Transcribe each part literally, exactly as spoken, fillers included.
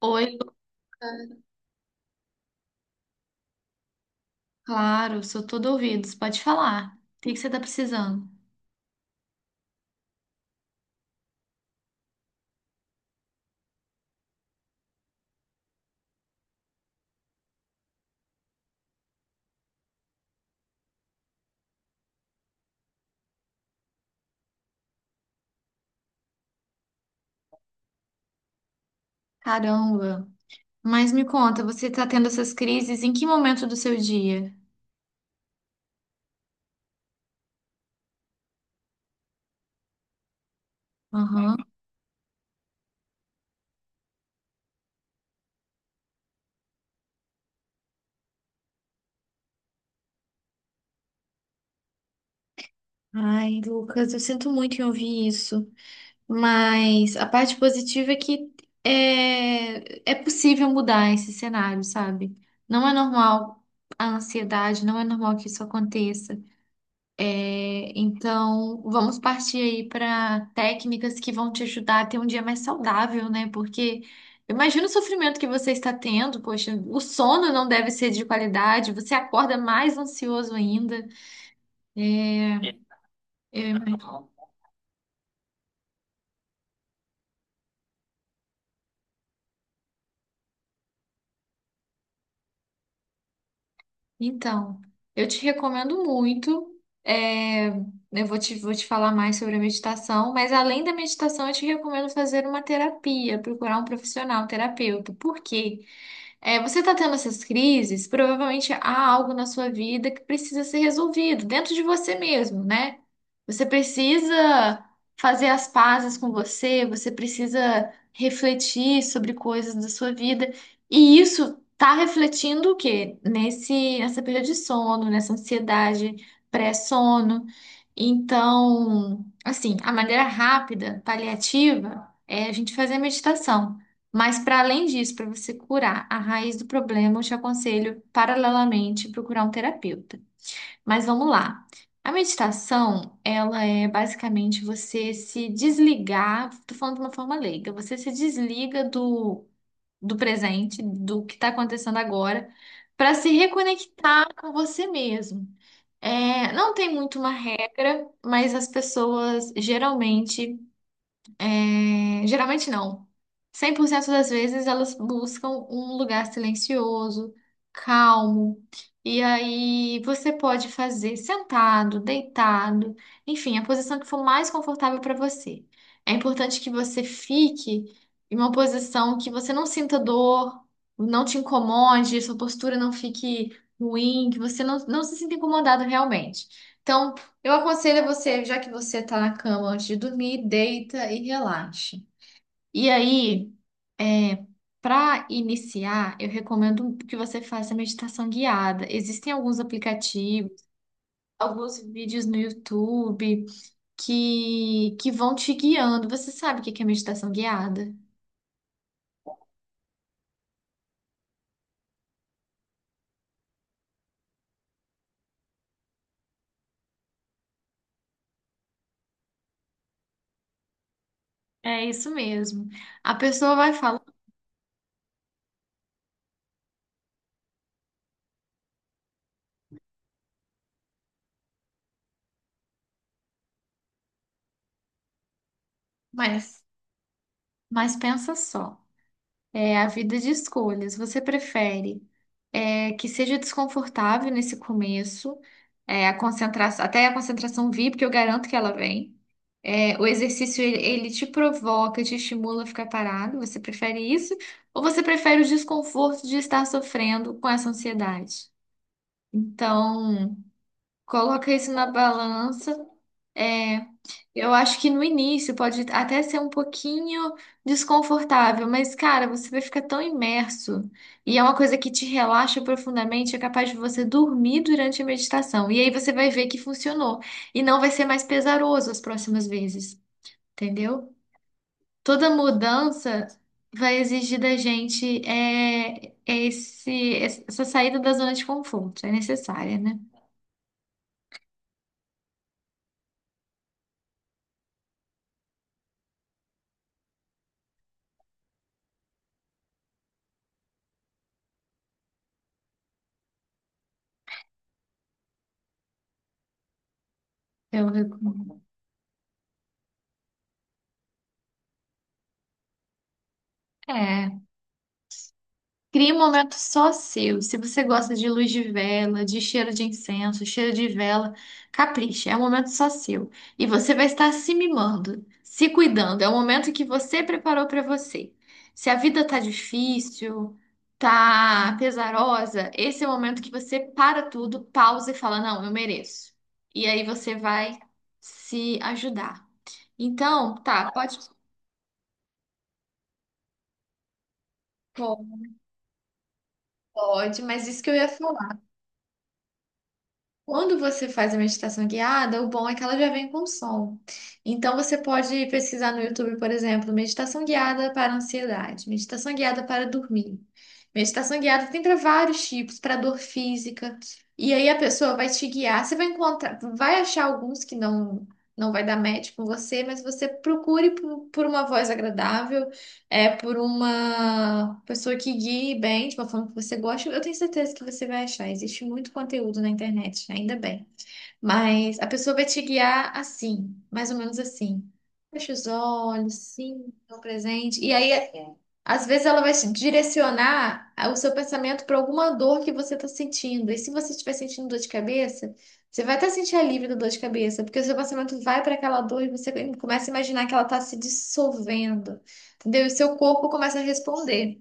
Oi, Lucas, claro, sou todo ouvidos. Pode falar. O que que você está precisando? Caramba. Mas me conta, você está tendo essas crises em que momento do seu dia? Aham. Ai, Lucas, eu sinto muito em ouvir isso. Mas a parte positiva é que é, é possível mudar esse cenário, sabe? Não é normal a ansiedade, não é normal que isso aconteça. É, então, vamos partir aí para técnicas que vão te ajudar a ter um dia mais saudável, né? Porque eu imagino o sofrimento que você está tendo, poxa, o sono não deve ser de qualidade, você acorda mais ansioso ainda. É, eu imagino. Então, eu te recomendo muito. É, eu vou te, vou te falar mais sobre a meditação, mas além da meditação, eu te recomendo fazer uma terapia, procurar um profissional, um terapeuta. Por quê? É, você está tendo essas crises, provavelmente há algo na sua vida que precisa ser resolvido dentro de você mesmo, né? Você precisa fazer as pazes com você, você precisa refletir sobre coisas da sua vida, e isso está refletindo o quê? Nesse, nessa perda de sono, nessa ansiedade pré-sono. Então, assim, a maneira rápida, paliativa, é a gente fazer a meditação. Mas para além disso, para você curar a raiz do problema, eu te aconselho paralelamente procurar um terapeuta. Mas vamos lá. A meditação, ela é basicamente você se desligar, tô falando de uma forma leiga, você se desliga do, do presente, do que está acontecendo agora, para se reconectar com você mesmo. É, não tem muito uma regra, mas as pessoas geralmente é, geralmente não. cem por cento das vezes elas buscam um lugar silencioso, calmo. E aí você pode fazer sentado, deitado, enfim, a posição que for mais confortável para você. É importante que você fique em uma posição que você não sinta dor, não te incomode, sua postura não fique ruim, que você não, não se sinta incomodado realmente. Então, eu aconselho você, já que você tá na cama antes de dormir, deita e relaxe. E aí, é, para iniciar, eu recomendo que você faça meditação guiada. Existem alguns aplicativos, alguns vídeos no YouTube que, que vão te guiando. Você sabe o que que é meditação guiada? É isso mesmo. A pessoa vai falar, mas, mas pensa só. É a vida de escolhas. Você prefere é, que seja desconfortável nesse começo, é, a concentração, até a concentração vir, porque eu garanto que ela vem. É, o exercício ele, ele te provoca, te estimula a ficar parado. Você prefere isso? Ou você prefere o desconforto de estar sofrendo com essa ansiedade? Então, coloca isso na balança. É, eu acho que no início pode até ser um pouquinho desconfortável, mas cara, você vai ficar tão imerso e é uma coisa que te relaxa profundamente, é capaz de você dormir durante a meditação. E aí você vai ver que funcionou e não vai ser mais pesaroso as próximas vezes, entendeu? Toda mudança vai exigir da gente é, é esse, essa saída da zona de conforto, é necessária, né? Eu recomendo. É. Crie um momento só seu. Se você gosta de luz de vela, de cheiro de incenso, cheiro de vela, capricha, é um momento só seu. E você vai estar se mimando, se cuidando. É o momento que você preparou para você. Se a vida tá difícil, tá pesarosa, esse é o momento que você para tudo, pausa e fala: Não, eu mereço. E aí você vai se ajudar. Então, tá, pode. Pode, mas isso que eu ia falar. Quando você faz a meditação guiada, o bom é que ela já vem com som. Então você pode pesquisar no YouTube, por exemplo, meditação guiada para ansiedade, meditação guiada para dormir. Meditação guiada tem para vários tipos, para dor física. E aí a pessoa vai te guiar, você vai encontrar, vai achar alguns que não não vai dar match com você, mas você procure por, por uma voz agradável é por uma pessoa que guie bem, de uma forma que você gosta, eu tenho certeza que você vai achar. Existe muito conteúdo na internet, ainda bem. Mas a pessoa vai te guiar assim, mais ou menos assim. Fecha os olhos, sim, no presente. E aí às vezes ela vai te direcionar a- o seu pensamento para alguma dor que você está sentindo. E se você estiver sentindo dor de cabeça, você vai até sentir alívio da dor de cabeça, porque o seu pensamento vai para aquela dor e você começa a imaginar que ela está se dissolvendo, entendeu? E o seu corpo começa a responder.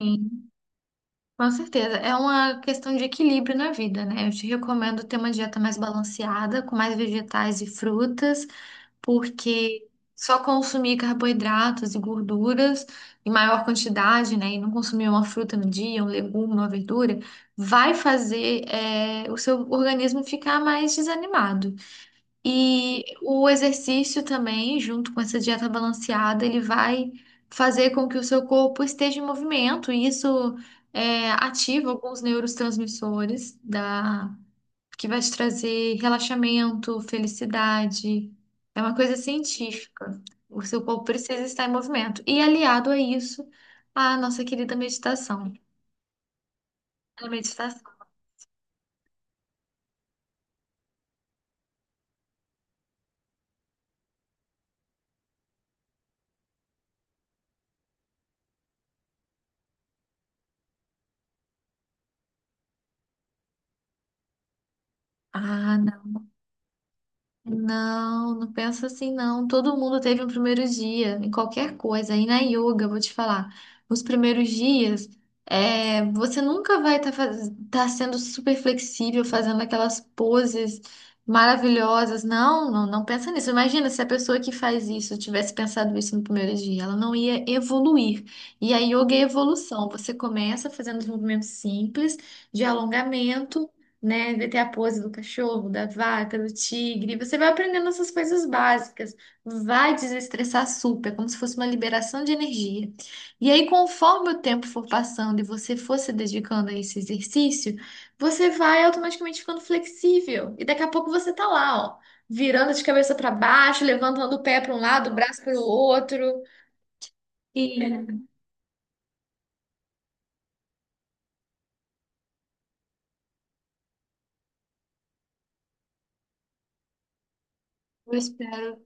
Sim. Com certeza. É uma questão de equilíbrio na vida, né? Eu te recomendo ter uma dieta mais balanceada, com mais vegetais e frutas, porque só consumir carboidratos e gorduras em maior quantidade, né? E não consumir uma fruta no dia, um legume, uma verdura, vai fazer, eh, o seu organismo ficar mais desanimado. E o exercício também, junto com essa dieta balanceada, ele vai fazer com que o seu corpo esteja em movimento, e isso é, ativa alguns neurotransmissores da... que vai te trazer relaxamento, felicidade. É uma coisa científica. O seu corpo precisa estar em movimento. E aliado a isso, a nossa querida meditação. A meditação. Ah, não. Não, não pensa assim, não. Todo mundo teve um primeiro dia em qualquer coisa. E na yoga, vou te falar, os primeiros dias, é, você nunca vai estar sendo super flexível, fazendo aquelas poses maravilhosas. Não, não, não pensa nisso. Imagina se a pessoa que faz isso tivesse pensado isso no primeiro dia, ela não ia evoluir. E a yoga é evolução. Você começa fazendo os movimentos simples de alongamento, né? Vai ter a pose do cachorro, da vaca, do tigre. Você vai aprendendo essas coisas básicas. Vai desestressar super, como se fosse uma liberação de energia. E aí, conforme o tempo for passando e você for se dedicando a esse exercício, você vai automaticamente ficando flexível. E daqui a pouco você tá lá, ó, virando de cabeça para baixo, levantando o pé para um lado, o braço para o outro. E eu espero,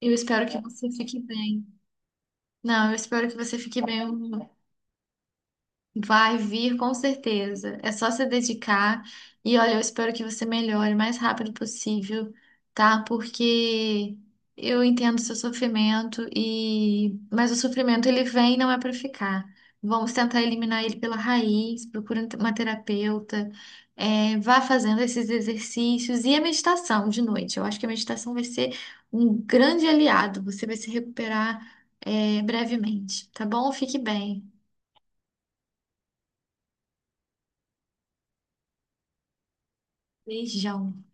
eu espero que você fique bem. Não, eu espero que você fique bem. Vai vir com certeza. É só se dedicar. E olha, eu espero que você melhore o mais rápido possível, tá? Porque eu entendo seu sofrimento e mas o sofrimento ele vem e não é para ficar. Vamos tentar eliminar ele pela raiz, procura uma terapeuta, é, vá fazendo esses exercícios e a meditação de noite. Eu acho que a meditação vai ser um grande aliado. Você vai se recuperar, é, brevemente, tá bom? Fique bem. Beijão.